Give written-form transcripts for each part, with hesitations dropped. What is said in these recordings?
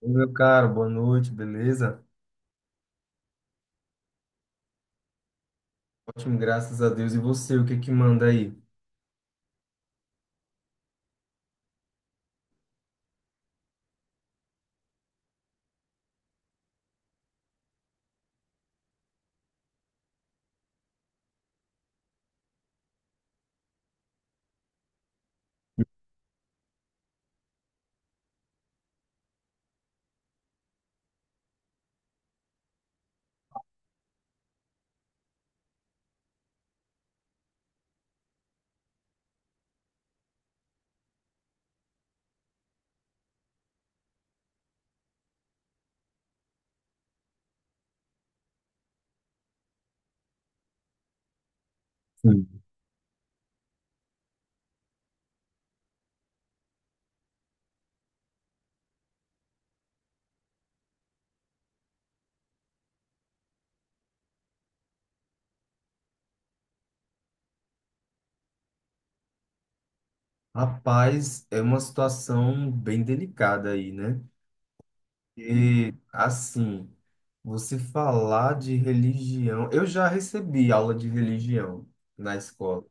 Ô, meu caro, boa noite, beleza? Ótimo, graças a Deus. E você, o que que manda aí? Sim. Rapaz, é uma situação bem delicada aí, né? E assim, você falar de religião, eu já recebi aula de religião na escola.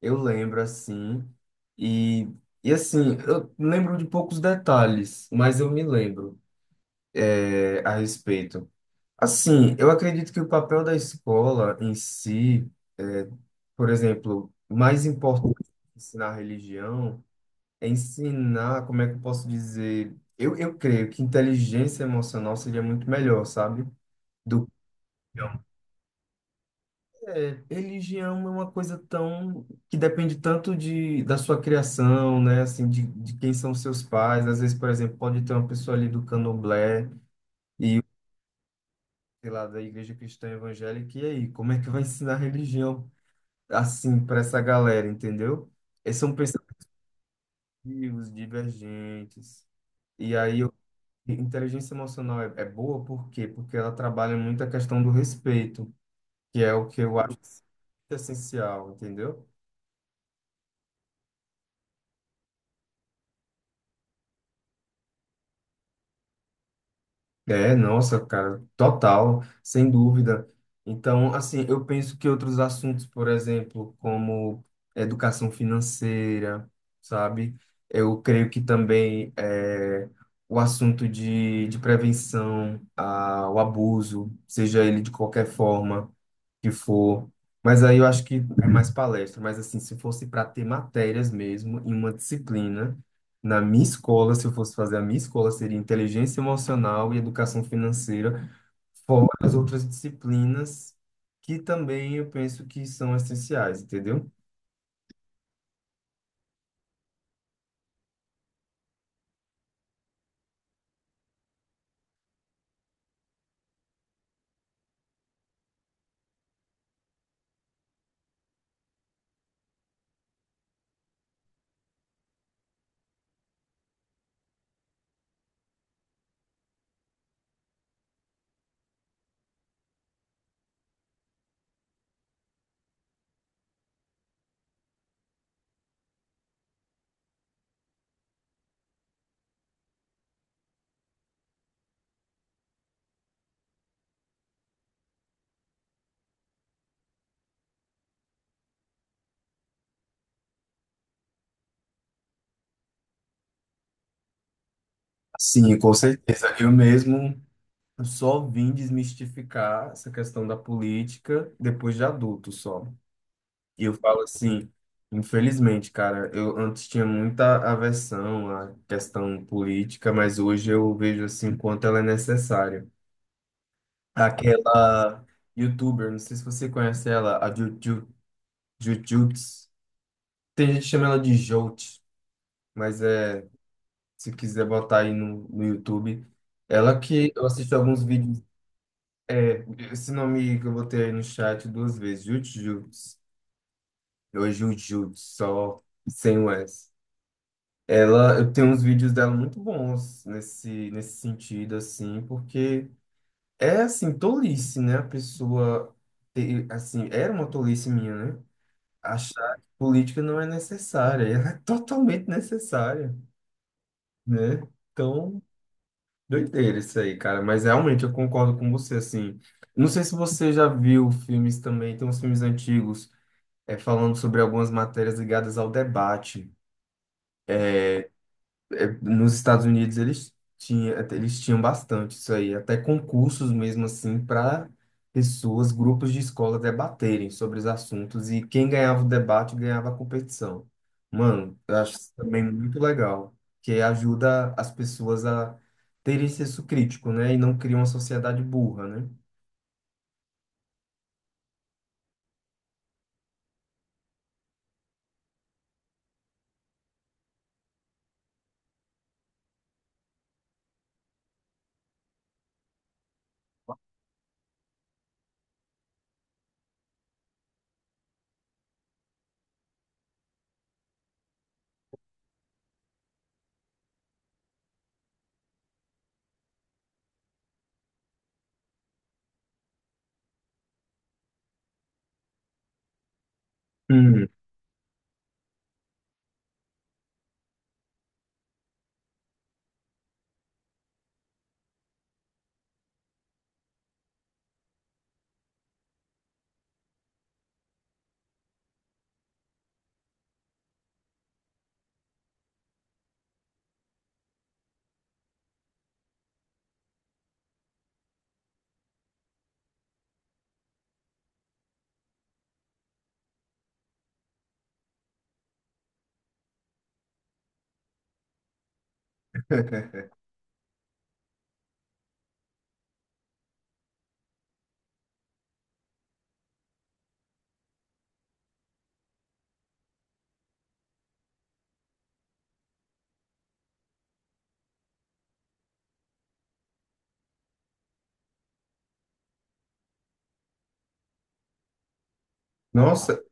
Eu lembro assim, e, e assim, eu lembro de poucos detalhes, mas eu me lembro é, a respeito. Assim, eu acredito que o papel da escola em si, é, por exemplo, mais importante que ensinar religião é ensinar, como é que eu posso dizer? Eu creio que inteligência emocional seria muito melhor, sabe? Do que religião. É, religião é uma coisa tão que depende tanto de, da sua criação, né? Assim, de quem são seus pais. Às vezes, por exemplo, pode ter uma pessoa ali do Candomblé e sei lá, da igreja cristã evangélica, e aí, como é que vai ensinar religião assim para essa galera, entendeu? Eles são pensativos, divergentes. E aí, inteligência emocional é boa por quê? Porque ela trabalha muito a questão do respeito, que é o que eu acho essencial, entendeu? É, nossa, cara, total, sem dúvida. Então, assim, eu penso que outros assuntos, por exemplo, como educação financeira, sabe? Eu creio que também é, o assunto de prevenção ao abuso, seja ele de qualquer forma que for. Mas aí eu acho que é mais palestra. Mas assim, se fosse para ter matérias mesmo em uma disciplina, na minha escola, se eu fosse fazer a minha escola, seria inteligência emocional e educação financeira, fora as outras disciplinas que também eu penso que são essenciais, entendeu? Sim, com certeza. Eu mesmo só vim desmistificar essa questão da política depois de adulto só. E eu falo assim, infelizmente, cara, eu antes tinha muita aversão à questão política, mas hoje eu vejo assim o quanto ela é necessária. Aquela youtuber, não sei se você conhece ela, a Jujuts. Tem gente que chama ela de Jout, mas é, se quiser botar aí no YouTube, ela que eu assisto alguns vídeos, é, esse nome que eu botei aí no chat duas vezes, Jujuts, ou Jujuts, só sem o S. Ela, eu tenho uns vídeos dela muito bons nesse sentido, assim, porque é, assim, tolice, né? A pessoa, ter, assim, era uma tolice minha, né? Achar que política não é necessária. Ela é totalmente necessária, né? Então, doideira isso aí, cara. Mas realmente eu concordo com você, assim. Não sei se você já viu filmes também, tem uns filmes antigos, é, falando sobre algumas matérias ligadas ao debate. É, nos Estados Unidos eles tinham bastante isso aí, até concursos mesmo assim para pessoas, grupos de escola debaterem sobre os assuntos e quem ganhava o debate ganhava a competição. Mano, eu acho isso também muito legal, que ajuda as pessoas a terem senso crítico, né? E não cria uma sociedade burra, né? Hum. Nossa,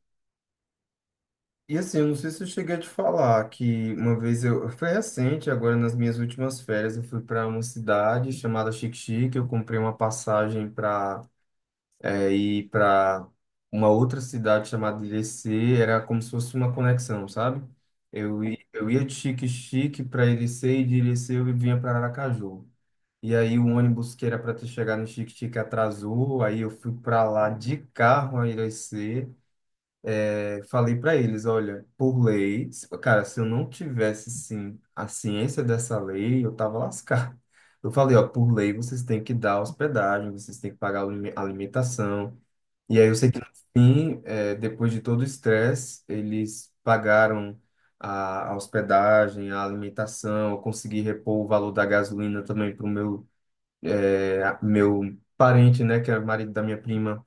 e assim, eu não sei se eu cheguei a te falar que uma vez eu. Foi recente, agora nas minhas últimas férias, eu fui para uma cidade chamada Xique-Xique. Eu comprei uma passagem para ir para uma outra cidade chamada Irecê. Era como se fosse uma conexão, sabe? Eu ia de Xique-Xique para Irecê e de Irecê eu vinha para Aracaju. E aí o ônibus que era para ter chegado no Xique-Xique atrasou, aí eu fui para lá de carro a Irecê. Eu falei para eles, olha, por lei, cara, se eu não tivesse sim a ciência dessa lei, eu tava lascado. Eu falei, ó, por lei vocês têm que dar hospedagem, vocês têm que pagar a alimentação. E aí eu sei que no fim, depois de todo o estresse, eles pagaram a hospedagem, a alimentação, eu consegui repor o valor da gasolina também pro meu, meu parente, né, que era o marido da minha prima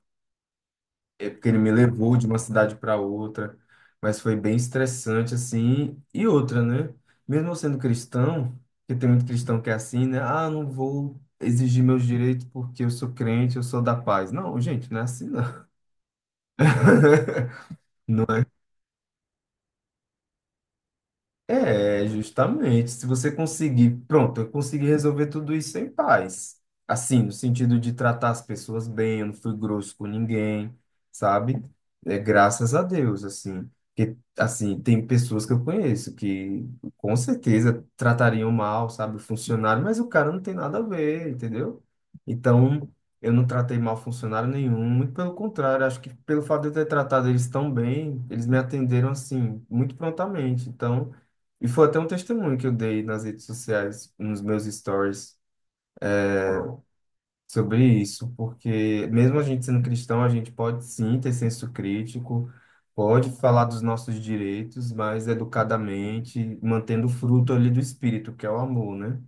é porque ele me levou de uma cidade para outra, mas foi bem estressante assim. E outra, né? Mesmo eu sendo cristão, que tem muito cristão que é assim, né? Ah, não vou exigir meus direitos porque eu sou crente, eu sou da paz. Não, gente, não é assim não. Não é, justamente. Se você conseguir, pronto, eu consegui resolver tudo isso em paz. Assim, no sentido de tratar as pessoas bem, eu não fui grosso com ninguém, sabe? É, graças a Deus, assim. Porque, assim, tem pessoas que eu conheço que com certeza tratariam mal, sabe, o funcionário, mas o cara não tem nada a ver, entendeu? Então, eu não tratei mal funcionário nenhum, muito pelo contrário, acho que pelo fato de eu ter tratado eles tão bem, eles me atenderam, assim, muito prontamente. Então. E foi até um testemunho que eu dei nas redes sociais, nos meus stories, sobre isso, porque mesmo a gente sendo cristão, a gente pode sim ter senso crítico, pode falar dos nossos direitos, mas educadamente, mantendo o fruto ali do espírito, que é o amor, né?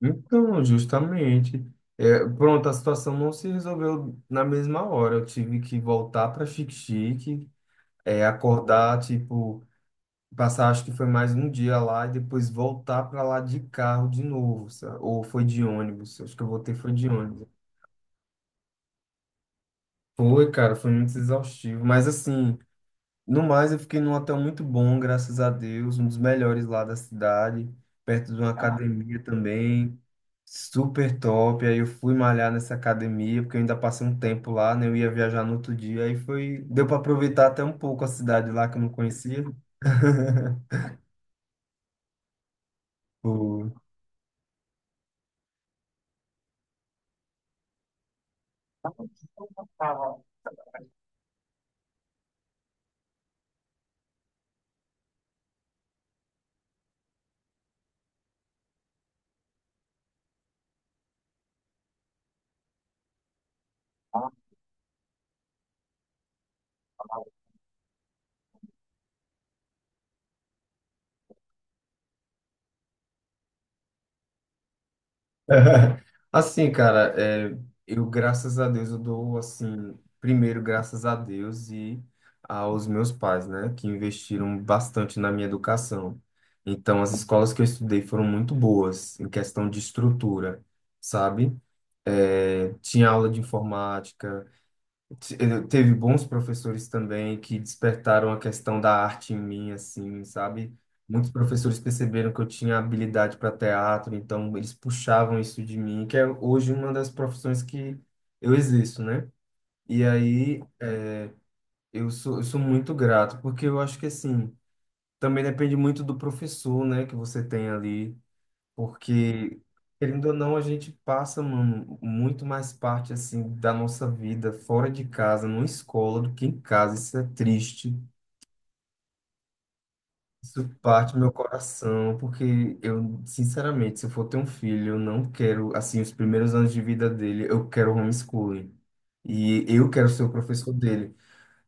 Então, justamente, é, pronto, a situação não se resolveu na mesma hora. Eu tive que voltar para Xique-Xique, é, acordar, tipo. Passar, acho que foi mais um dia lá e depois voltar para lá de carro de novo, sabe? Ou foi de ônibus, acho que eu voltei foi de ônibus. Foi, cara, foi muito exaustivo, mas assim, no mais eu fiquei num hotel muito bom, graças a Deus, um dos melhores lá da cidade, perto de uma academia também, super top. Aí eu fui malhar nessa academia, porque eu ainda passei um tempo lá, né? Eu ia viajar no outro dia, aí foi, deu para aproveitar até um pouco a cidade lá que eu não conhecia. Foi. Assim, cara, é, eu, graças a Deus, eu dou, assim, primeiro, graças a Deus e aos meus pais, né, que investiram bastante na minha educação. Então, as escolas que eu estudei foram muito boas em questão de estrutura, sabe? É, tinha aula de informática, teve bons professores também que despertaram a questão da arte em mim, assim, sabe? Muitos professores perceberam que eu tinha habilidade para teatro, então eles puxavam isso de mim, que é hoje uma das profissões que eu existo, né? E aí eu sou muito grato, porque eu acho que, assim, também depende muito do professor, né, que você tem ali. Porque, querendo ou não, a gente passa, mano, muito mais parte, assim, da nossa vida fora de casa, numa escola, do que em casa. Isso é triste. Isso parte do meu coração, porque eu, sinceramente, se eu for ter um filho, eu não quero, assim, os primeiros anos de vida dele, eu quero homeschooling. E eu quero ser o professor dele.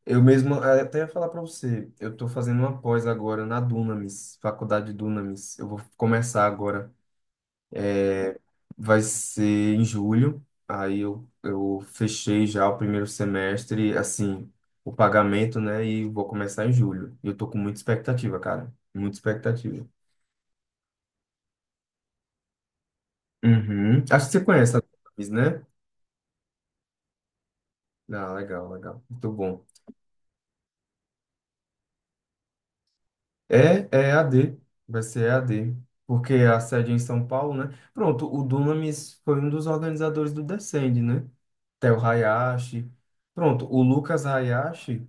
Eu mesmo, até ia falar para você, eu tô fazendo uma pós agora na Dunamis, Faculdade Dunamis. Eu vou começar agora. Vai ser em julho. Aí eu fechei já o primeiro semestre, assim, o pagamento, né? E vou começar em julho. E eu tô com muita expectativa, cara. Muita expectativa. Uhum. Acho que você conhece a Thaís, né? Ah, legal, legal. Muito bom. É, é AD. Vai ser EAD. Porque a sede é em São Paulo, né? Pronto, o Dunamis foi um dos organizadores do Descende, né? Theo Hayashi. Pronto, o Lucas Hayashi.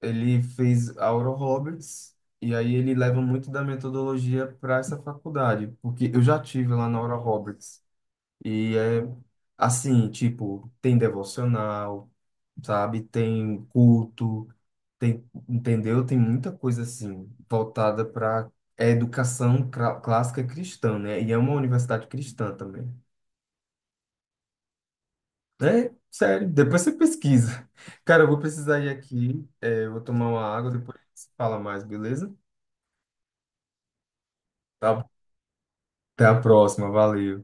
Ele fez Oral Roberts e aí ele leva muito da metodologia para essa faculdade, porque eu já tive lá na Oral Roberts e é assim, tipo, tem devocional, sabe? Tem culto, tem, entendeu? Tem muita coisa assim voltada para educação clássica cristã, né? E é uma universidade cristã também. É, sério, depois você pesquisa. Cara, eu vou precisar ir aqui, é, eu vou tomar uma água, depois a gente se fala mais, beleza? Tá. Até a próxima, valeu.